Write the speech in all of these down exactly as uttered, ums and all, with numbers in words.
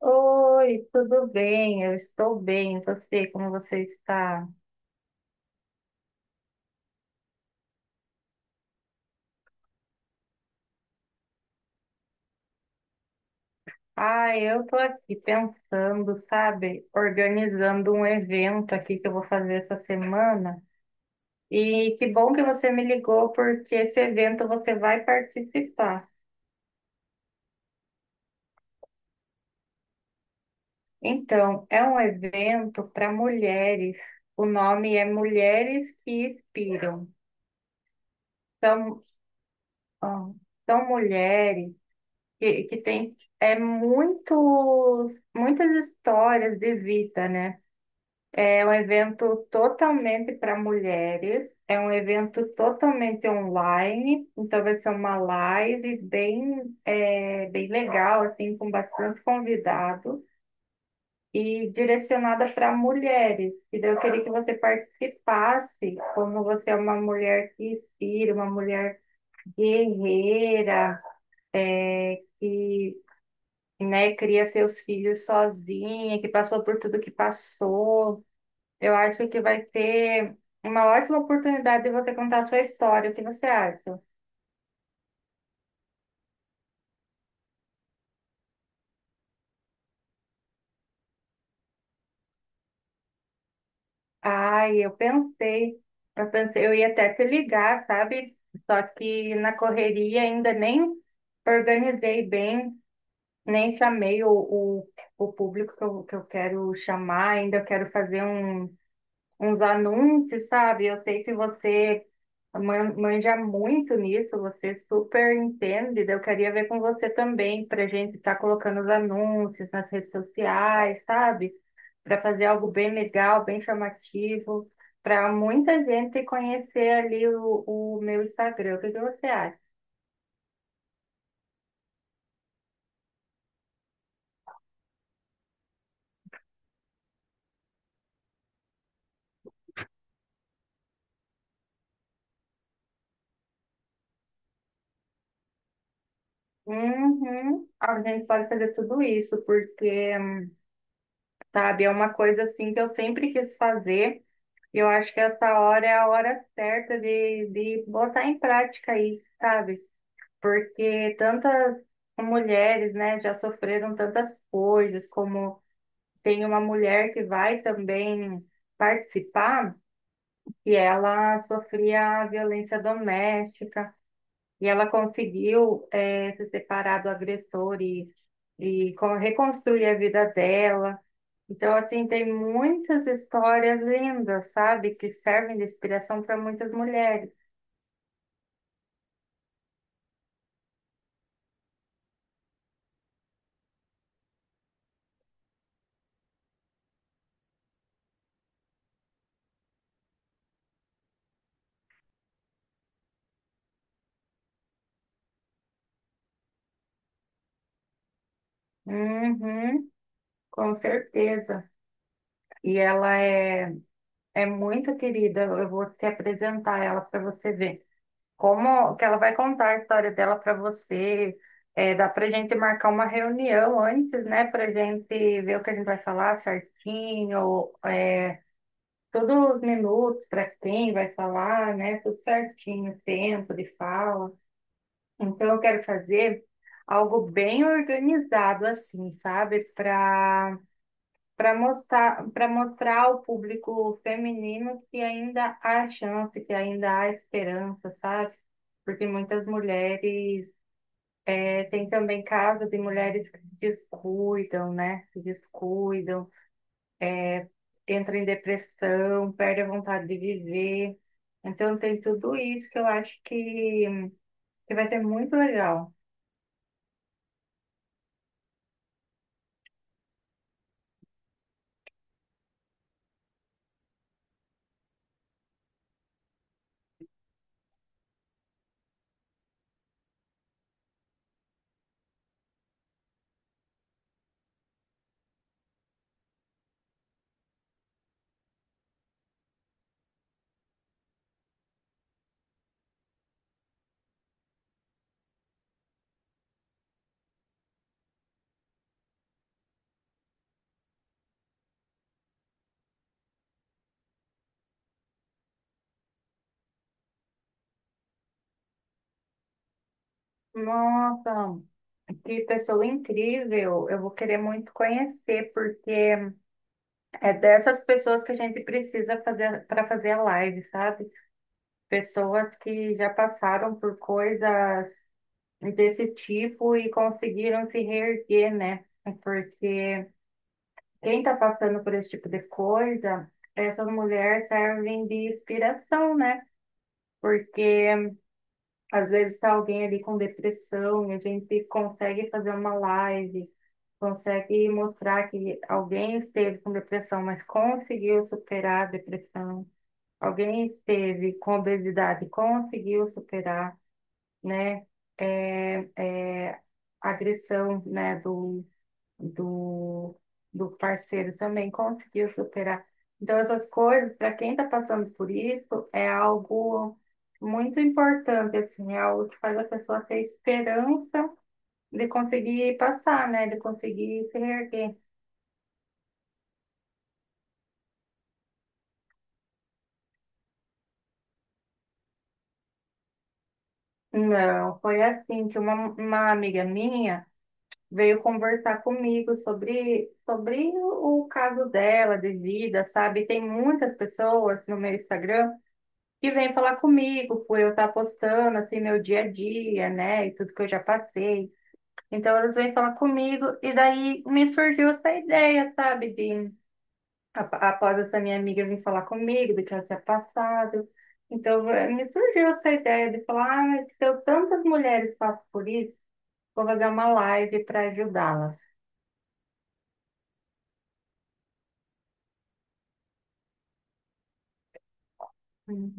Oi, tudo bem? Eu estou bem. E você, como você está? Ah, eu estou aqui pensando, sabe, organizando um evento aqui que eu vou fazer essa semana. E que bom que você me ligou, porque esse evento você vai participar. Então, é um evento para mulheres. O nome é Mulheres que Inspiram. São, ah, são mulheres que, que tem é muitos, muitas histórias de vida, né? É um evento totalmente para mulheres, é um evento totalmente online, então vai ser uma live bem, é, bem legal, assim, com bastante convidados. E direcionada para mulheres. E daí eu queria que você participasse, como você é uma mulher que inspira, uma mulher guerreira, é, que né, cria seus filhos sozinha, que passou por tudo que passou. Eu acho que vai ser uma ótima oportunidade de você contar a sua história. O que você acha? Ai, eu pensei, eu pensei, eu ia até te ligar, sabe? Só que na correria ainda nem organizei bem, nem chamei o, o, o público que eu, que eu quero chamar, ainda quero fazer um uns anúncios, sabe? Eu sei que você man- manja muito nisso, você super entende. Daí eu queria ver com você também, para a gente estar colocando os anúncios nas redes sociais, sabe? Para fazer algo bem legal, bem chamativo, para muita gente conhecer ali o, o meu Instagram. O que que você acha? Uhum. A gente pode fazer tudo isso, porque, sabe, é uma coisa assim que eu sempre quis fazer. Eu acho que essa hora é a hora certa de, de botar em prática isso, sabe? Porque tantas mulheres, né, já sofreram tantas coisas, como tem uma mulher que vai também participar, e ela sofria violência doméstica, e ela conseguiu, eh, se separar do agressor e, e con- reconstruir a vida dela. Então, assim, tem muitas histórias lindas, sabe? Que servem de inspiração para muitas mulheres. Uhum, com certeza. E ela é, é muito querida. Eu vou te apresentar ela para você ver. Como que ela vai contar a história dela para você. É, dá para gente marcar uma reunião antes, né? Para gente ver o que a gente vai falar certinho, é, todos os minutos para quem vai falar, né? Tudo certinho, tempo de fala. Então, eu quero fazer algo bem organizado, assim, sabe? Para para mostrar, para mostrar ao público feminino que ainda há chance, que ainda há esperança, sabe? Porque muitas mulheres, eh, tem também casos de mulheres que se descuidam, né? Se descuidam, entram em depressão, perdem a vontade de viver. Então, tem tudo isso que eu acho que, que vai ser muito legal. Nossa, que pessoa incrível! Eu vou querer muito conhecer, porque é dessas pessoas que a gente precisa fazer para fazer a live, sabe? Pessoas que já passaram por coisas desse tipo e conseguiram se reerguer, né? É porque quem está passando por esse tipo de coisa, essas mulheres servem de inspiração, né? Porque às vezes está alguém ali com depressão e a gente consegue fazer uma live, consegue mostrar que alguém esteve com depressão, mas conseguiu superar a depressão. Alguém esteve com obesidade, e conseguiu superar, né? É, é, a agressão, né? Do, do, do parceiro também conseguiu superar. Então, essas coisas, para quem está passando por isso, é algo muito importante, assim, é algo que faz a pessoa ter esperança de conseguir passar, né? De conseguir se reerguer. Não, foi assim que uma, uma amiga minha veio conversar comigo sobre, sobre o, o caso dela de vida, sabe? Tem muitas pessoas no meu Instagram que vêm falar comigo por eu estar postando assim meu dia a dia, né? E tudo que eu já passei. Então elas vêm falar comigo e daí me surgiu essa ideia, sabe? Ap- após essa minha amiga vir falar comigo do que ela tinha passado. Então, eh, me surgiu essa ideia de falar, ah, mas se eu, tantas mulheres passam por isso, vou fazer uma live para ajudá-las. Hum.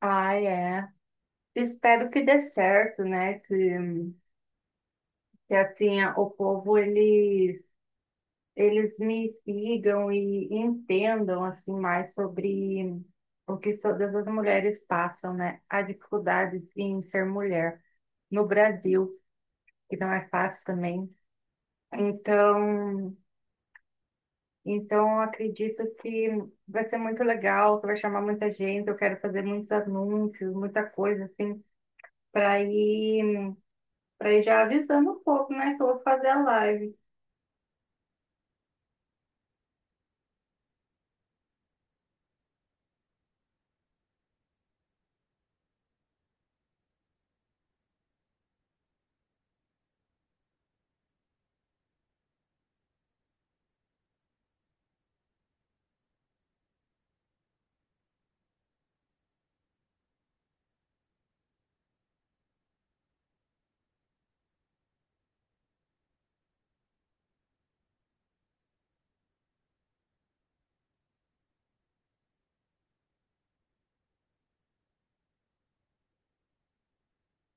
Ah, é. Espero que dê certo, né? Que, que assim, a- o povo, eles, eles me sigam e entendam, assim, mais sobre o que todas as mulheres passam, né? A dificuldade em ser mulher no Brasil. Que não é fácil também. Então, então eu acredito que vai ser muito legal, que vai chamar muita gente, eu quero fazer muitos anúncios, muita coisa assim, para ir para ir já avisando um pouco, né, que eu vou fazer a live.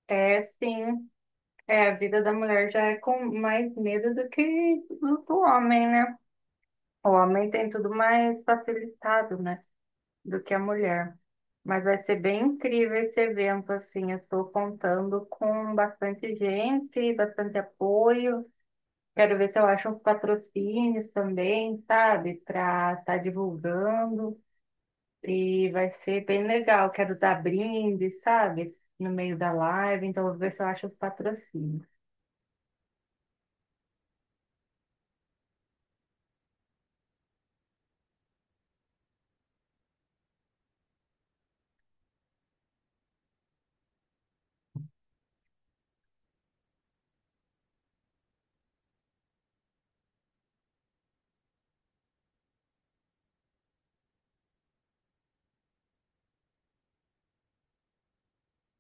É, sim, é, a vida da mulher já é com mais medo do que do, do homem, né? O homem tem tudo mais facilitado, né? Do que a mulher. Mas vai ser bem incrível esse evento, assim. Eu estou contando com bastante gente, bastante apoio. Quero ver se eu acho uns patrocínios também, sabe? Para estar divulgando. E vai ser bem legal. Quero dar brinde, sabe? No meio da live. Então, eu vou ver se eu acho os patrocínios.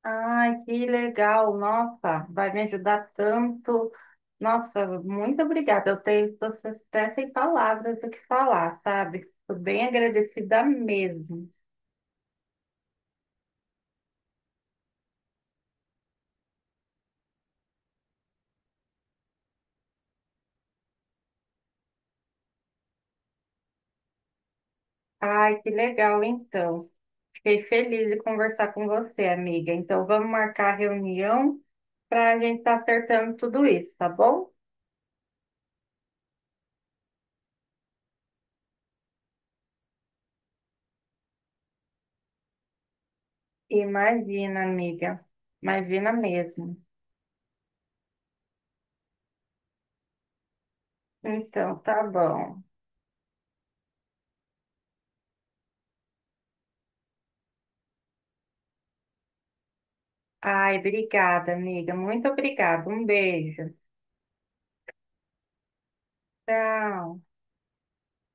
Ai, que legal, nossa, vai me ajudar tanto. Nossa, muito obrigada. Eu tenho, tô até sem palavras do que falar, sabe? Estou bem agradecida mesmo. Ai, que legal, então. Fiquei feliz de conversar com você, amiga. Então, vamos marcar a reunião para a gente estar acertando tudo isso, tá bom? Imagina, amiga. Imagina mesmo. Então, tá bom. Ai, obrigada, amiga. Muito obrigada. Um beijo. Tchau.